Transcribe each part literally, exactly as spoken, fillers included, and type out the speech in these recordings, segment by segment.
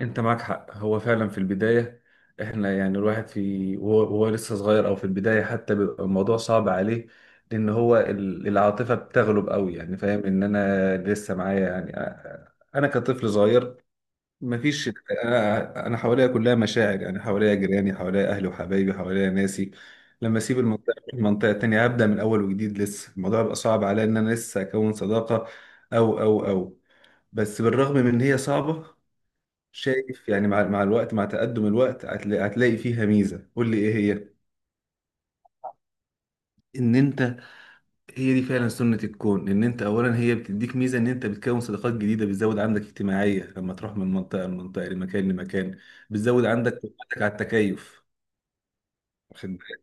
انت معاك حق، هو فعلا في البداية. احنا يعني الواحد في وهو وهو لسه صغير او في البداية حتى بيبقى الموضوع صعب عليه، لان هو ال- العاطفة بتغلب قوي. يعني فاهم ان انا لسه معايا، يعني آه، آه، انا كطفل صغير. مفيش. انا انا حواليا كلها مشاعر، يعني حواليا جيراني، حواليا اهلي وحبايبي، حواليا ناسي. لما اسيب المنطقة أروح منطقة تانية، هبدأ من اول وجديد، لسه الموضوع بيبقى صعب عليا ان انا لسه اكون صداقة او او او بس بالرغم من ان هي صعبة. شايف يعني مع مع الوقت، مع تقدم الوقت، هتلاقي هتلاقي فيها ميزة. قول لي ايه هي. ان انت، هي دي فعلا سنة الكون، ان انت اولا هي بتديك ميزة ان انت بتكون صداقات جديدة، بتزود عندك اجتماعية لما تروح من منطقة لمنطقة، لمكان لمكان. بتزود عندك قدرتك على التكيف. واخد بالك؟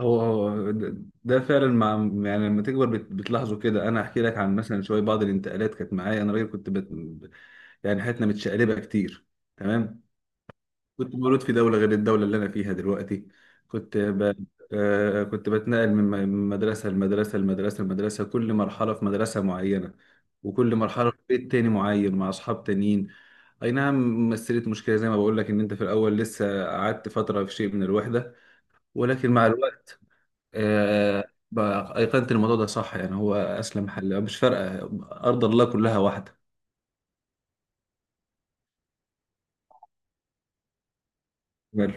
هو هو ده، ده فعلا، مع، يعني لما تكبر بت- بتلاحظه كده. انا هحكي لك عن مثلا شويه، بعض الانتقالات كانت معايا انا راجل، كنت بت... يعني حياتنا متشقلبه كتير. تمام. كنت مولود في دولة غير الدولة اللي أنا فيها دلوقتي. كنت ب... آه، كنت بتنقل من م- من مدرسة لمدرسة لمدرسة لمدرسة، كل مرحلة في مدرسة معينة، وكل مرحلة في بيت تاني معين مع أصحاب تانيين. أي نعم، مثلت مشكلة زي ما بقول لك، إن أنت في الأول لسه قعدت فترة في شيء من الوحدة، ولكن مع الوقت آه، بقى أيقنت الموضوع ده صح. يعني هو أسلم حل، مش فارقة، أرض الله كلها واحدة. ماله.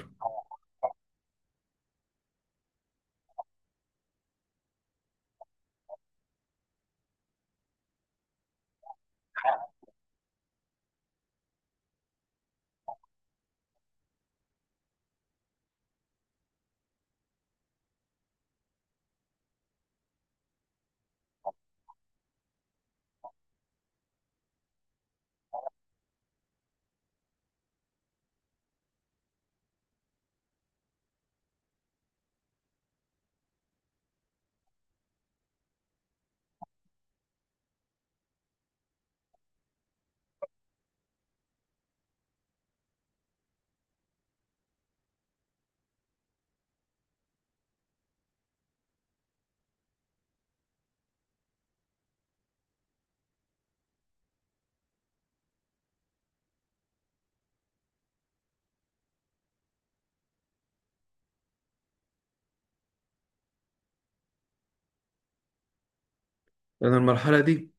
أنا المرحلة دي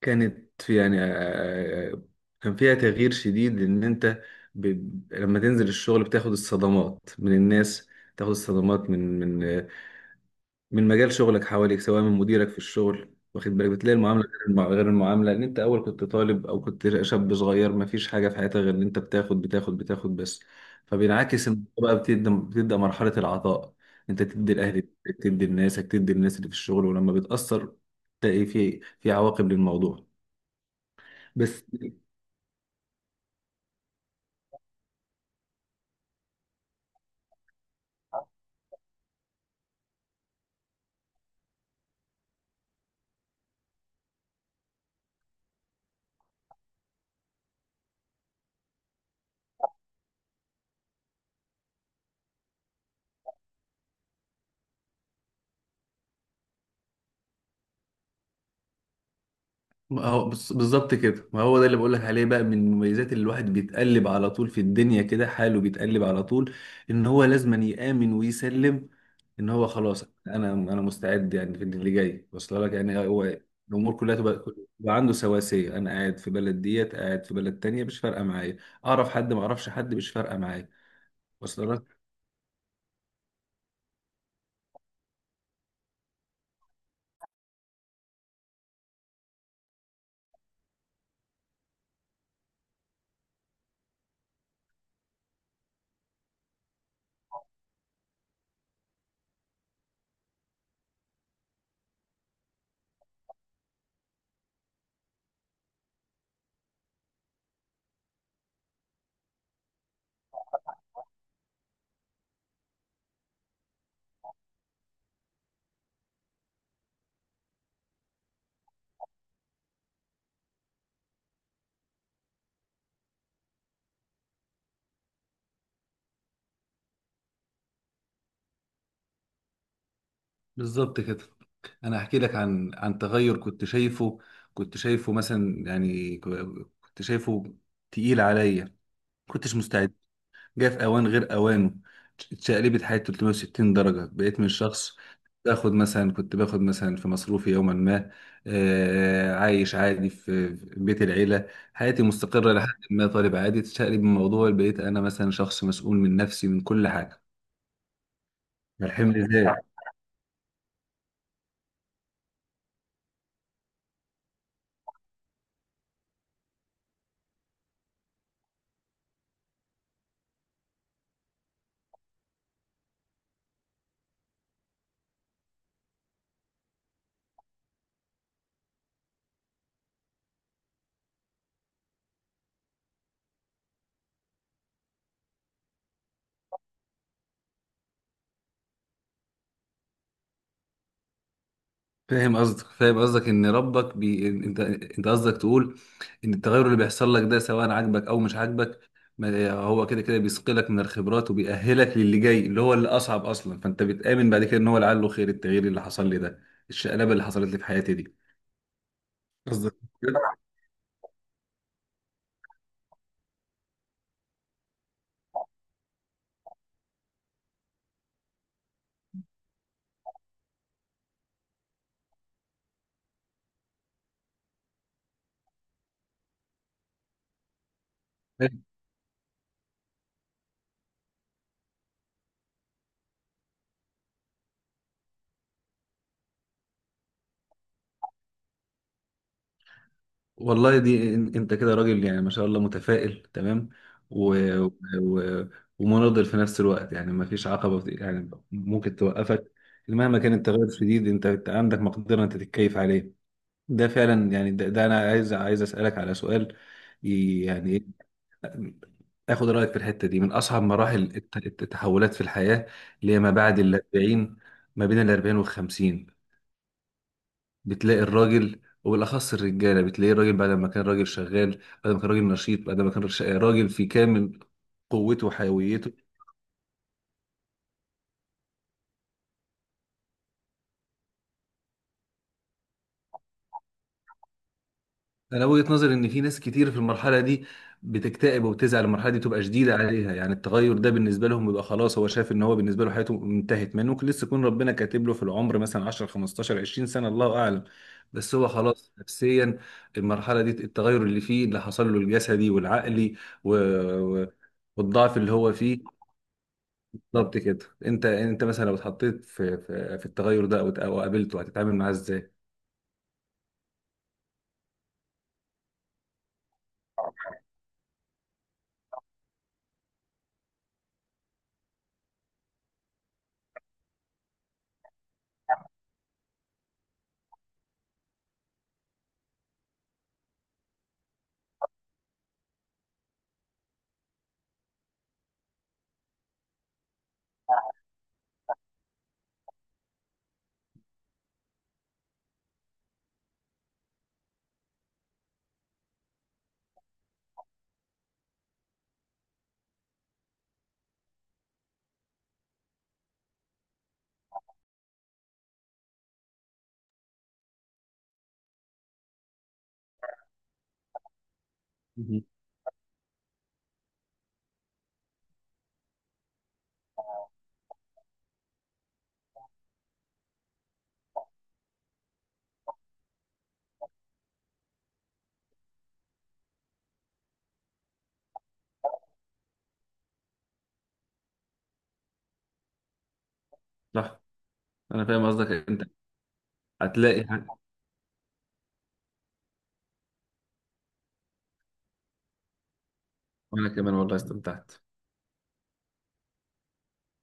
كانت في يعني آه، آه، آه، كان فيها تغيير شديد ان انت، ب... لما تنزل الشغل بتاخد الصدمات من الناس، تاخد الصدمات من من آه، من مجال شغلك حواليك، سواء من مديرك في الشغل. واخد بالك؟ بتلاقي المعامله غير المع- غير المعامله، ان انت اول كنت طالب او كنت شاب صغير، ما فيش حاجه في حياتك غير ان انت بتاخد بتاخد بتاخد بس. فبينعكس ان بقى بتبدا بتبدا مرحله العطاء، انت تدي لاهلك، تدي لناسك، تدي للناس اللي في الشغل، ولما بتاثر تلاقي في في عواقب للموضوع. بس ما هو بص- بالظبط كده. ما هو ده اللي بقولك عليه بقى، من المميزات اللي الواحد بيتقلب على طول في الدنيا كده، حاله بيتقلب على طول، ان هو لازم يآمن ويسلم، ان هو خلاص، انا انا مستعد يعني في اللي جاي. واصل لك؟ يعني هو الامور كلها تبقى تبقى عنده سواسية. انا قاعد في بلد ديت، قاعد في بلد تانية، مش فارقة معايا. اعرف حد ما اعرفش حد، مش فارقة معايا. واصل لك؟ بالظبط كده. انا هحكي لك عن عن تغير كنت شايفه، كنت شايفه مثلا يعني ك- كنت شايفه تقيل عليا، كنتش مستعد، جه في اوان غير اوانه. اتشقلبت حياتي ثلاث مية وستين درجه. بقيت من شخص باخد مثلا، كنت باخد مثلا في مصروفي يوما ما، آه، عايش عادي في في بيت العيله، حياتي مستقره لحد ما، طالب عادي، تشقلب الموضوع، بقيت انا مثلا شخص مسؤول من نفسي، من كل حاجه. فالحمل زاد. فاهم قصدك، فاهم قصدك ان ربك بي... انت انت قصدك تقول، ان التغير اللي بيحصل لك ده سواء عاجبك او مش عاجبك، ما... هو كده كده بيسقلك من الخبرات، وبيأهلك للي جاي اللي هو اللي اصعب اصلا. فانت بتآمن بعد كده ان هو لعله خير، التغيير اللي حصل لي ده، الشقلبه اللي حصلت لي في حياتي دي. قصدك كده؟ والله دي إن- انت كده راجل يعني ما شاء الله، متفائل تمام، و... و... و- ومناضل في نفس الوقت. يعني ما فيش عقبة بت- يعني ممكن توقفك. مهما كان التغير الشديد، انت أنت عندك مقدرة انت تتكيف عليه. ده فعلا يعني ده, ده انا عايز عايز اسألك على سؤال. ي- يعني إيه، اخد رأيك في الحتة دي. من اصعب مراحل الت- التحولات في الحياة، اللي هي ما بعد ال أربعين، ما بين ال أربعين وال خمسين. بتلاقي الراجل، وبالاخص الرجاله بتلاقي الراجل بعد ما كان راجل شغال، بعد ما كان راجل نشيط، بعد ما كان ش- راجل في كامل قوته وحيويته. انا وجهه نظري ان في ناس كتير في المرحله دي بتكتئب وبتزعل، المرحله دي تبقى شديده عليها. يعني التغير ده بالنسبه لهم بيبقى خلاص، هو شايف ان هو بالنسبه له حياته انتهت، ما إنه ممكن لسه يكون ربنا كاتب له في العمر مثلا عشر خمسة عشر عشرين سنه، الله اعلم. بس هو خلاص نفسيا، المرحله دي، التغير اللي فيه اللي حصل له، الجسدي والعقلي و... و- والضعف اللي هو فيه. بالظبط كده. انت انت مثلا لو اتحطيت في في, في التغير ده، او او قابلته، هتتعامل معاه ازاي؟ مهم. صح. انا فاهم قصدك انت. هتلاقي. وانا كمان والله استمتعت.